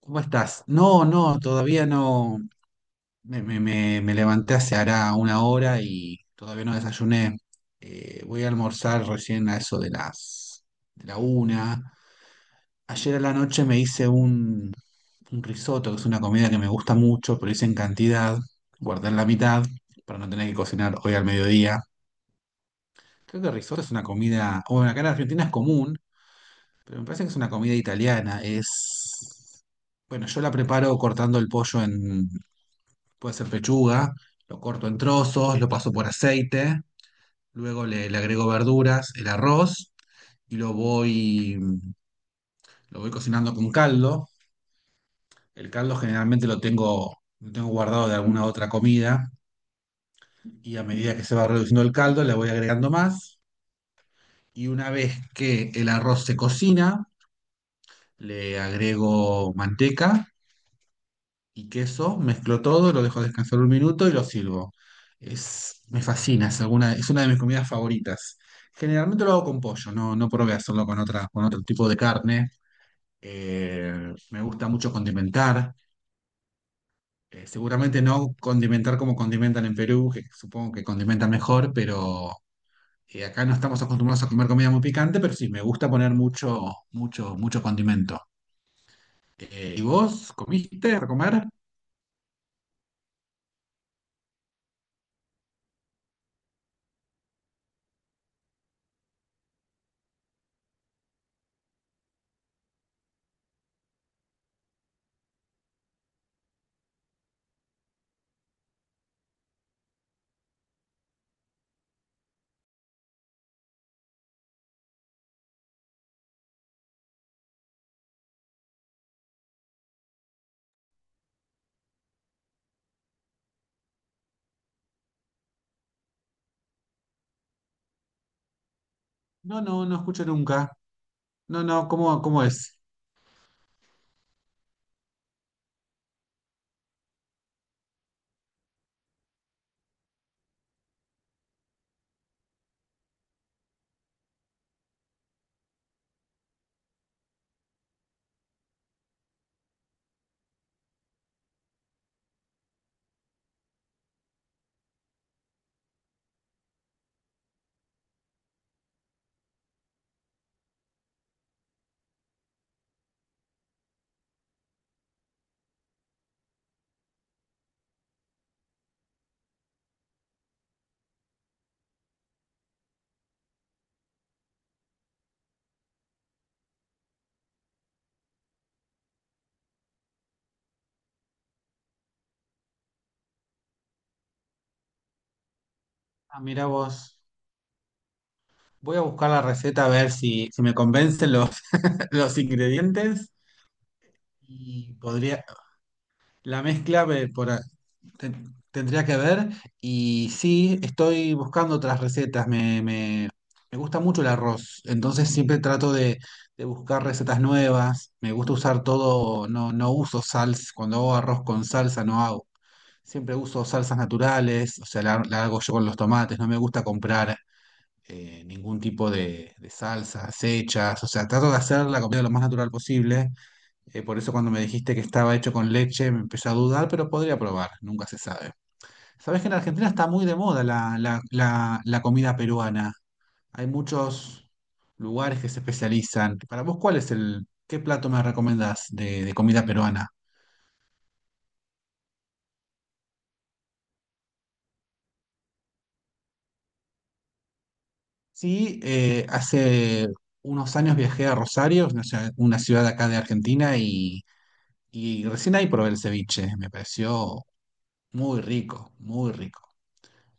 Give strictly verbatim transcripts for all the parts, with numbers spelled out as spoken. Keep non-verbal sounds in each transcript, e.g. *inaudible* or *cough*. ¿Cómo estás? No, no, todavía no. Me, me- me- me levanté hace hará una hora y todavía no desayuné. Eh, voy a almorzar recién a eso de las de la una. Ayer a la noche me hice un, un risotto, que es una comida que me gusta mucho, pero hice en cantidad. Guardé la mitad para no tener que cocinar hoy al mediodía. Creo que el risotto es una comida, bueno, acá en Argentina es común, pero me parece que es una comida italiana. Es bueno, yo la preparo cortando el pollo en, Puede ser pechuga, lo corto en trozos, lo paso por aceite, luego le, le agrego verduras, el arroz y lo voy, lo voy cocinando con caldo. El caldo generalmente lo tengo, lo tengo guardado de alguna otra comida y a medida que se va reduciendo el caldo le voy agregando más. Y una vez que el arroz se cocina, le agrego manteca y queso, mezclo todo, lo dejo descansar un minuto y lo sirvo. Es, me fascina, es, alguna, es una de mis comidas favoritas. Generalmente lo hago con pollo, no, no probé hacerlo con otra, con otro tipo de carne. Eh, me gusta mucho condimentar. Eh, seguramente no condimentar como condimentan en Perú, que supongo que condimentan mejor, pero eh, acá no estamos acostumbrados a comer comida muy picante, pero sí, me gusta poner mucho, mucho, mucho condimento. Eh, ¿y vos comiste para comer? No, no, no escucho nunca. No, no, ¿cómo, cómo es? Ah, mira vos. Voy a buscar la receta a ver si, si me convencen los, *laughs* los ingredientes y podría, la mezcla eh, por, a- ten- tendría que ver. Y sí, estoy buscando otras recetas. Me, me, me gusta mucho el arroz, entonces siempre trato de, de buscar recetas nuevas. Me gusta usar todo, no, no uso salsa. Cuando hago arroz con salsa no hago. Siempre uso salsas naturales, o sea, la, la hago yo con los tomates, no me gusta comprar eh, ningún tipo de, de salsas hechas, o sea, trato de hacer la comida lo más natural posible. Eh, por eso cuando me dijiste que estaba hecho con leche me empecé a dudar, pero podría probar, nunca se sabe. Sabes que en Argentina está muy de moda la, la- la- la comida peruana. Hay muchos lugares que se especializan. Para vos, ¿cuál es el, qué plato me recomendás de, de comida peruana? Sí, eh, hace unos años viajé a Rosario, una ciudad una ciudad acá de Argentina, y Y recién ahí probé el ceviche, me pareció muy rico, muy rico.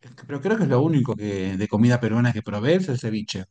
Es que, pero creo que es lo único que, de comida peruana que probé es el ceviche.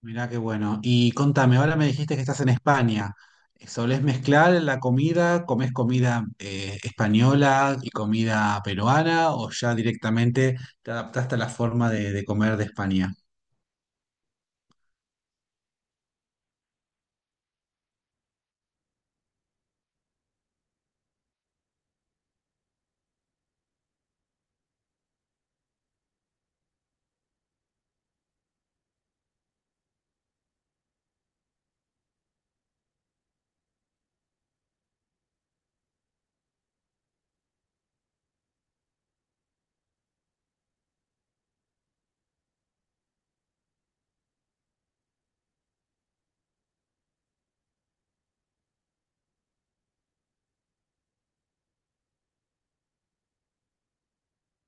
Mirá qué bueno. Y contame, ahora me dijiste que estás en España. ¿Solés mezclar la comida? ¿Comés comida eh, española y comida peruana? ¿O ya directamente te adaptaste a la forma de, de comer de España?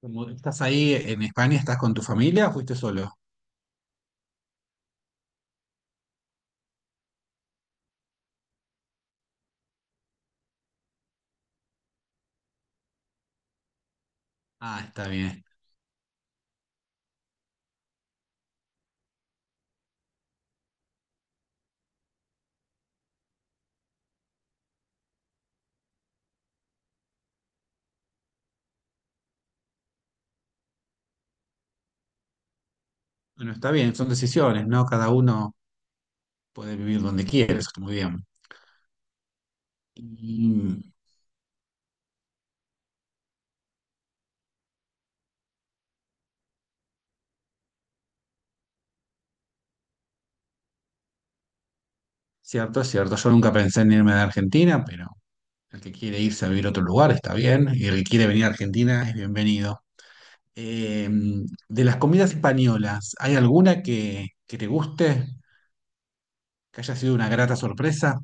Como estás ahí en España, ¿estás con tu familia o fuiste solo? Ah, está bien. Bueno, está bien, son decisiones, ¿no? Cada uno puede vivir donde quiere, eso está muy bien. Y cierto, es cierto. Yo nunca pensé en irme de Argentina, pero el que quiere irse a vivir a otro lugar está bien, y el que quiere venir a Argentina es bienvenido. Eh, de las comidas españolas, ¿hay alguna que, que te guste? ¿Que haya sido una grata sorpresa?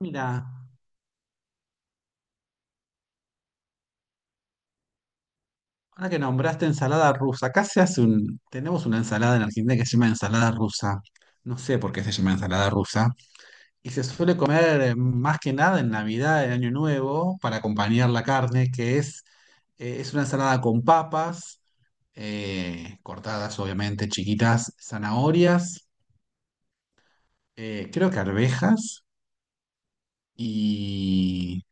Mira. Ahora que nombraste ensalada rusa, acá se hace un, tenemos una ensalada en Argentina que se llama ensalada rusa. No sé por qué se llama ensalada rusa. Y se suele comer eh, más que nada en Navidad, en Año Nuevo, para acompañar la carne, que es, eh, es una ensalada con papas, eh, cortadas obviamente, chiquitas, zanahorias, eh, creo que arvejas y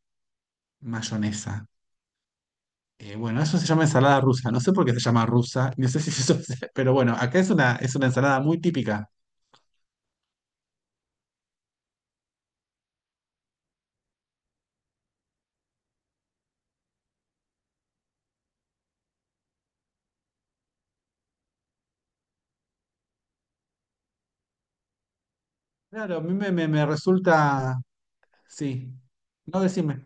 mayonesa. Eh, bueno, eso se llama ensalada rusa. No sé por qué se llama rusa. *laughs* No sé si eso, *laughs* pero bueno, acá es una, es una ensalada muy típica. Claro, a mí me, me, me resulta. Sí. No, decime.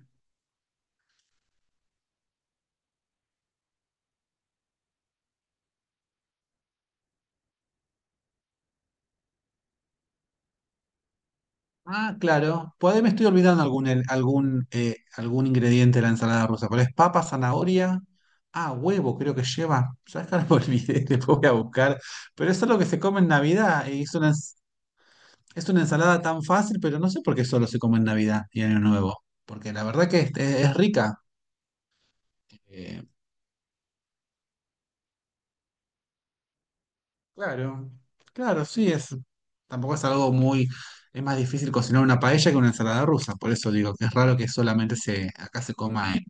Ah, claro. Por ahí me estoy olvidando algún, el- algún, eh, algún ingrediente de la ensalada rusa. Pero es papa, zanahoria. Ah, huevo, creo que lleva. Ya acá lo olvidé, *laughs* después voy a buscar. Pero eso es lo que se come en Navidad. Y es una, ens- es una ensalada tan fácil, pero no sé por qué solo se come en Navidad y Año Nuevo, porque la verdad que es, es- es rica. Eh, claro, claro, sí, es, tampoco es algo muy, es más difícil cocinar una paella que una ensalada rusa, por eso digo que es raro que solamente se, acá se coma en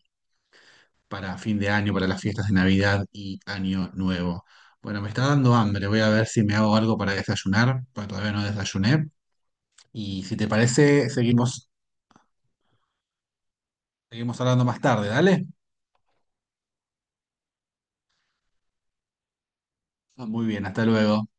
para fin de año, para las fiestas de Navidad y Año Nuevo. Bueno, me está dando hambre, voy a ver si me hago algo para desayunar, porque todavía no desayuné. Y si te parece, seguimos, seguimos hablando más tarde, ¿dale? Ah, muy bien, hasta luego.